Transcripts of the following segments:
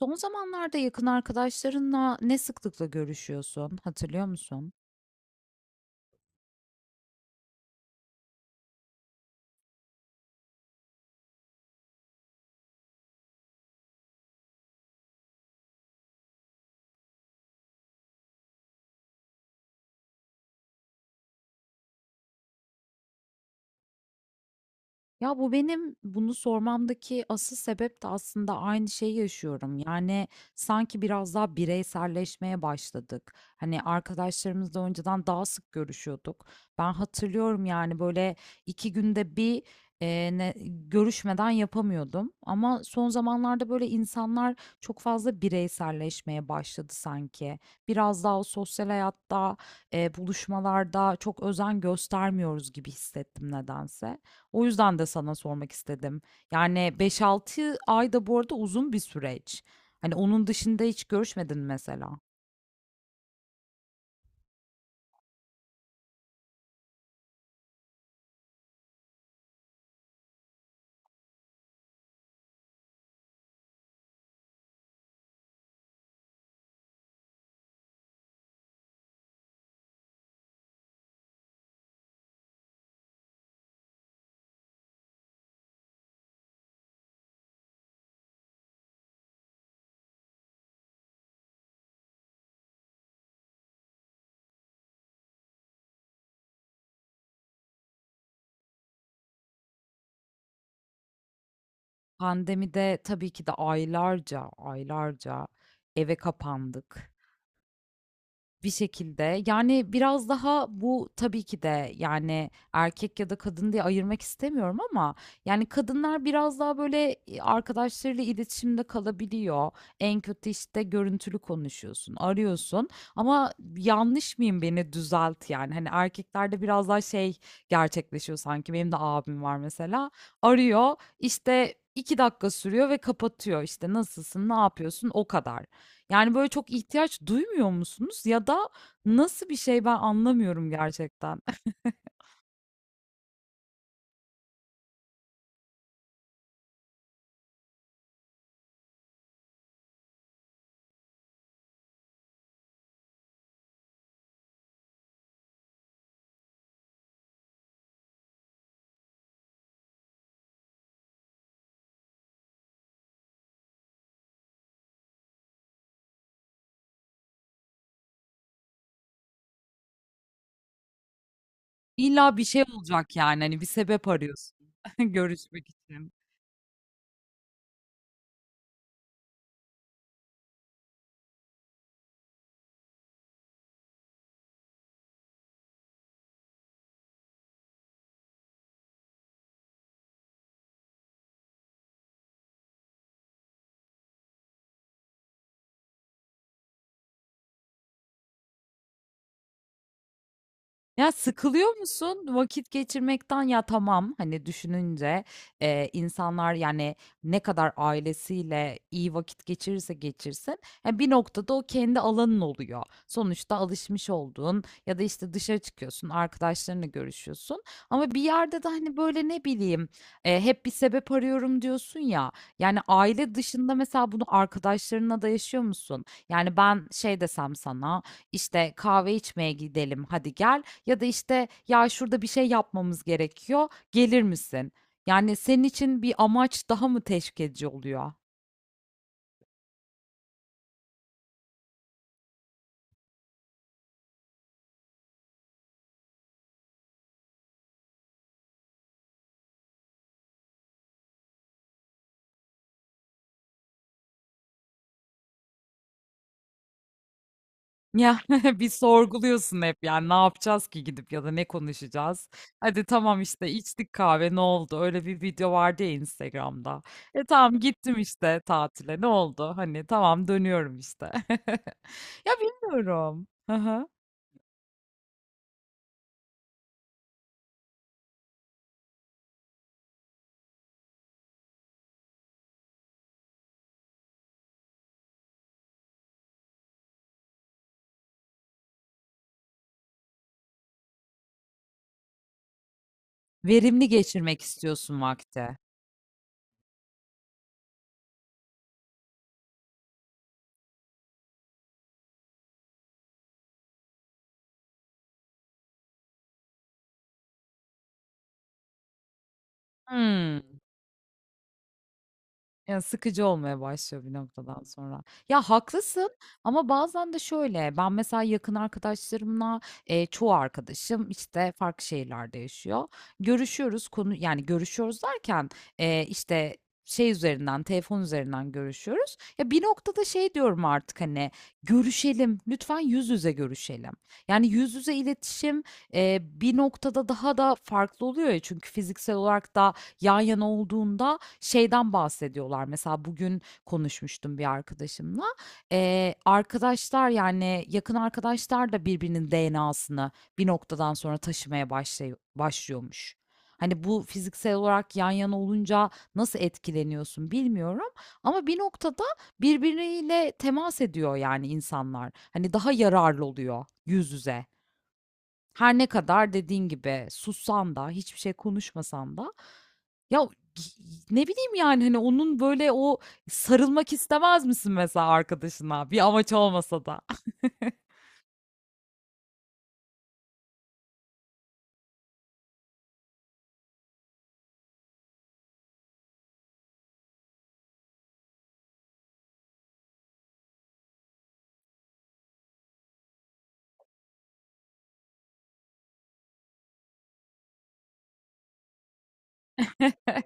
Son zamanlarda yakın arkadaşlarınla ne sıklıkla görüşüyorsun, hatırlıyor musun? Ya bu benim bunu sormamdaki asıl sebep de aslında aynı şeyi yaşıyorum. Yani sanki biraz daha bireyselleşmeye başladık. Hani arkadaşlarımızla önceden daha sık görüşüyorduk. Ben hatırlıyorum yani böyle 2 günde bir e, ne- görüşmeden yapamıyordum. Ama son zamanlarda böyle insanlar çok fazla bireyselleşmeye başladı sanki. Biraz daha o sosyal hayatta, buluşmalarda çok özen göstermiyoruz gibi hissettim nedense. O yüzden de sana sormak istedim. Yani 5-6 ay da bu arada uzun bir süreç. Hani onun dışında hiç görüşmedin mi mesela. Pandemide tabii ki de aylarca, aylarca eve kapandık. Bir şekilde. Yani, biraz daha bu tabii ki de, yani, erkek ya da kadın diye ayırmak istemiyorum ama, yani, kadınlar biraz daha, böyle, arkadaşlarıyla iletişimde kalabiliyor. En kötü, işte, görüntülü konuşuyorsun, arıyorsun ama yanlış mıyım, beni düzelt, yani. Hani, erkeklerde biraz daha şey gerçekleşiyor sanki. Benim de abim var mesela. Arıyor, işte, 2 dakika sürüyor ve kapatıyor. İşte "Nasılsın, ne yapıyorsun?" o kadar. Yani, böyle, çok ihtiyaç duymuyor musunuz ya da nasıl bir şey ben anlamıyorum gerçekten. İlla bir şey olacak, yani, hani, bir sebep arıyorsun görüşmek için. Ya sıkılıyor musun vakit geçirmekten? Ya tamam hani düşününce insanlar yani ne kadar ailesiyle iyi vakit geçirirse geçirsin yani bir noktada o kendi alanın oluyor. Sonuçta alışmış olduğun ya da işte dışarı çıkıyorsun arkadaşlarınla görüşüyorsun ama bir yerde de hani böyle ne bileyim hep bir sebep arıyorum diyorsun ya yani aile dışında mesela bunu arkadaşlarınla da yaşıyor musun? Yani ben şey desem sana işte kahve içmeye gidelim hadi gel. Ya da işte ya şurada bir şey yapmamız gerekiyor, gelir misin? Yani senin için bir amaç daha mı teşvik edici oluyor? Ya bir sorguluyorsun hep yani ne yapacağız ki gidip ya da ne konuşacağız? Hadi tamam işte içtik kahve ne oldu? Öyle bir video vardı ya Instagram'da. E tamam gittim işte tatile ne oldu? Hani tamam dönüyorum işte. Ya bilmiyorum. Hı hı. Verimli geçirmek istiyorsun vakti. Hmm. Ya sıkıcı olmaya başlıyor bir noktadan sonra. Ya haklısın ama bazen de şöyle ben mesela yakın arkadaşlarımla çoğu arkadaşım işte farklı şehirlerde yaşıyor. Görüşüyoruz konu yani görüşüyoruz derken işte şey üzerinden telefon üzerinden görüşüyoruz. Ya bir noktada şey diyorum artık hani görüşelim lütfen yüz yüze görüşelim. Yani yüz yüze iletişim bir noktada daha da farklı oluyor ya çünkü fiziksel olarak da yan yana olduğunda şeyden bahsediyorlar. Mesela bugün konuşmuştum bir arkadaşımla. Arkadaşlar yani yakın arkadaşlar da birbirinin DNA'sını bir noktadan sonra taşımaya başlıyormuş. Hani bu fiziksel olarak yan yana olunca nasıl etkileniyorsun bilmiyorum ama bir noktada birbiriyle temas ediyor yani insanlar. Hani daha yararlı oluyor yüz yüze. Her ne kadar dediğin gibi sussan da hiçbir şey konuşmasan da ya ne bileyim yani hani onun böyle o sarılmak istemez misin mesela arkadaşına bir amaç olmasa da.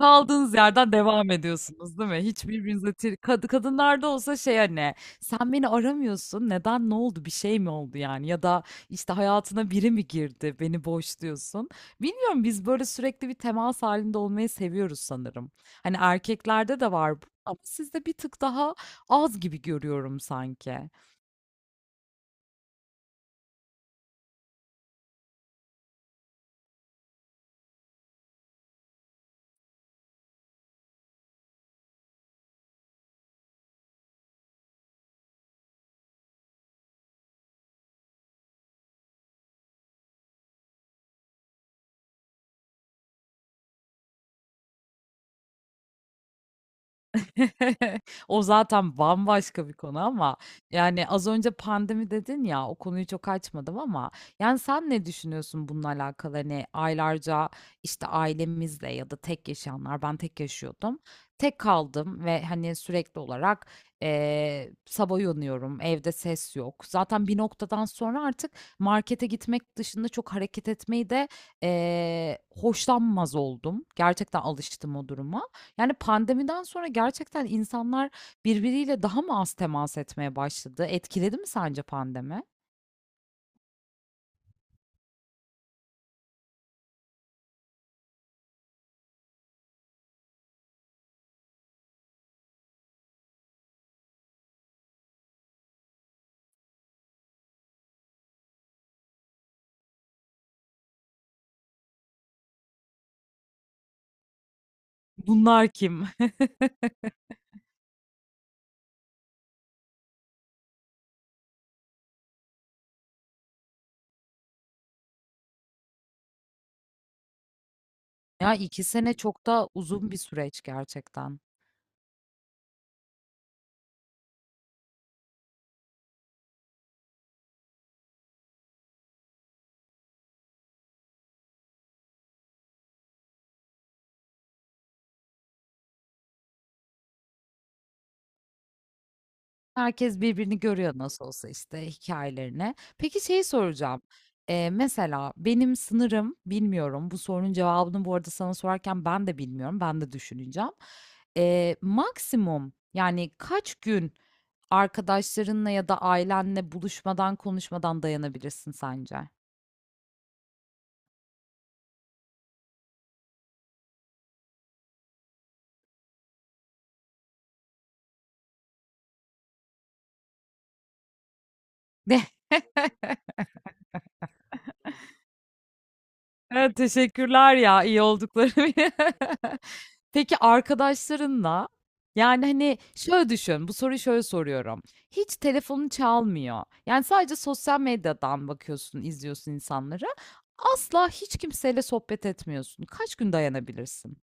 Kaldığınız yerden devam ediyorsunuz, değil mi? Hiç birbirinize tir Kad kadınlarda olsa şey hani sen beni aramıyorsun. Neden? Ne oldu? Bir şey mi oldu yani? Ya da işte hayatına biri mi girdi? Beni boşluyorsun. Bilmiyorum biz böyle sürekli bir temas halinde olmayı seviyoruz sanırım. Hani erkeklerde de var bu ama sizde bir tık daha az gibi görüyorum sanki. O zaten bambaşka bir konu ama yani az önce pandemi dedin ya o konuyu çok açmadım ama yani sen ne düşünüyorsun bununla alakalı? Hani aylarca işte ailemizle ya da tek yaşayanlar ben tek yaşıyordum. Tek kaldım ve hani sürekli olarak sabah uyanıyorum evde ses yok. Zaten bir noktadan sonra artık markete gitmek dışında çok hareket etmeyi de hoşlanmaz oldum. Gerçekten alıştım o duruma. Yani, pandemiden sonra gerçekten insanlar birbiriyle daha mı az temas etmeye başladı? Etkiledi mi sence pandemi? Bunlar kim? Ya, 2 sene çok da uzun bir süreç gerçekten. Herkes birbirini görüyor nasıl olsa işte hikayelerini. Peki şey soracağım. Mesela benim sınırım bilmiyorum. Bu sorunun cevabını bu arada sana sorarken ben de bilmiyorum. Ben de düşüneceğim. Maksimum yani kaç gün arkadaşlarınla ya da ailenle buluşmadan konuşmadan dayanabilirsin sence? Evet, teşekkürler ya iyi oldukları. Peki arkadaşlarınla, yani, hani, şöyle düşün, bu soruyu şöyle soruyorum. Hiç telefonun çalmıyor. Yani, sadece sosyal medyadan bakıyorsun, izliyorsun insanları. Asla hiç kimseyle sohbet etmiyorsun. Kaç gün dayanabilirsin?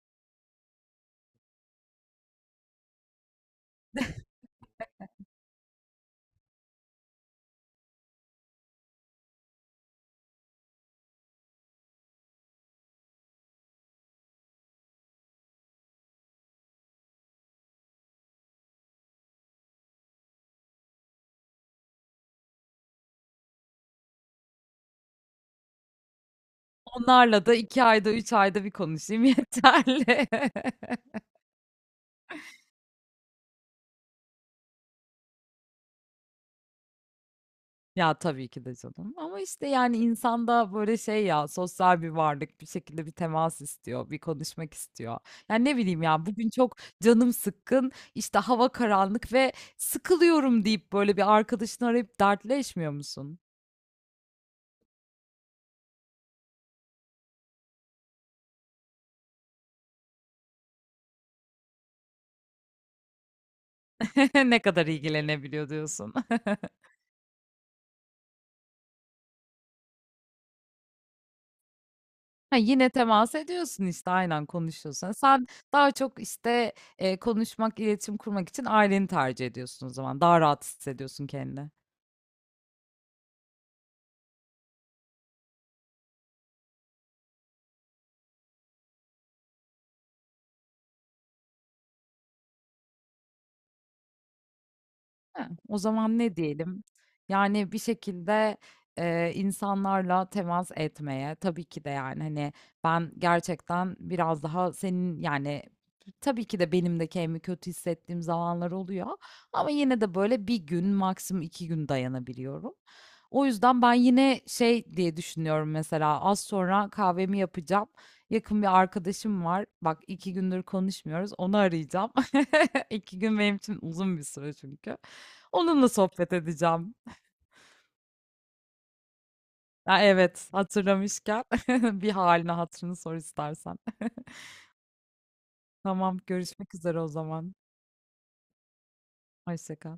Onlarla da 2 ayda, 3 ayda bir konuşayım yeterli. Ya, tabii ki de canım ama, işte, yani, insan da, böyle, şey ya, sosyal bir varlık, bir şekilde bir temas istiyor, bir konuşmak istiyor. Yani, ne bileyim ya, bugün çok canım sıkkın, işte, hava karanlık ve sıkılıyorum deyip, böyle, bir arkadaşını arayıp dertleşmiyor musun? Ne kadar ilgilenebiliyor diyorsun. Ha, yine temas ediyorsun, işte, aynen konuşuyorsun. Sen daha çok, işte, konuşmak, iletişim kurmak için aileni tercih ediyorsun o zaman. Daha rahat hissediyorsun kendini. He, o zaman ne diyelim? Yani bir şekilde, insanlarla temas etmeye, tabii ki de, yani, hani, ben gerçekten biraz daha senin, yani, tabii ki de benim de kendimi kötü hissettiğim zamanlar oluyor ama yine de böyle bir gün, maksimum 2 gün dayanabiliyorum. O yüzden ben yine şey diye düşünüyorum mesela, az sonra kahvemi yapacağım. Yakın bir arkadaşım var. Bak 2 gündür konuşmuyoruz. Onu arayacağım. 2 gün benim için uzun bir süre çünkü. Onunla sohbet edeceğim. Ha, evet, hatırlamışken bir haline hatırını sor istersen. Tamam, görüşmek üzere o zaman. Hoşça kal.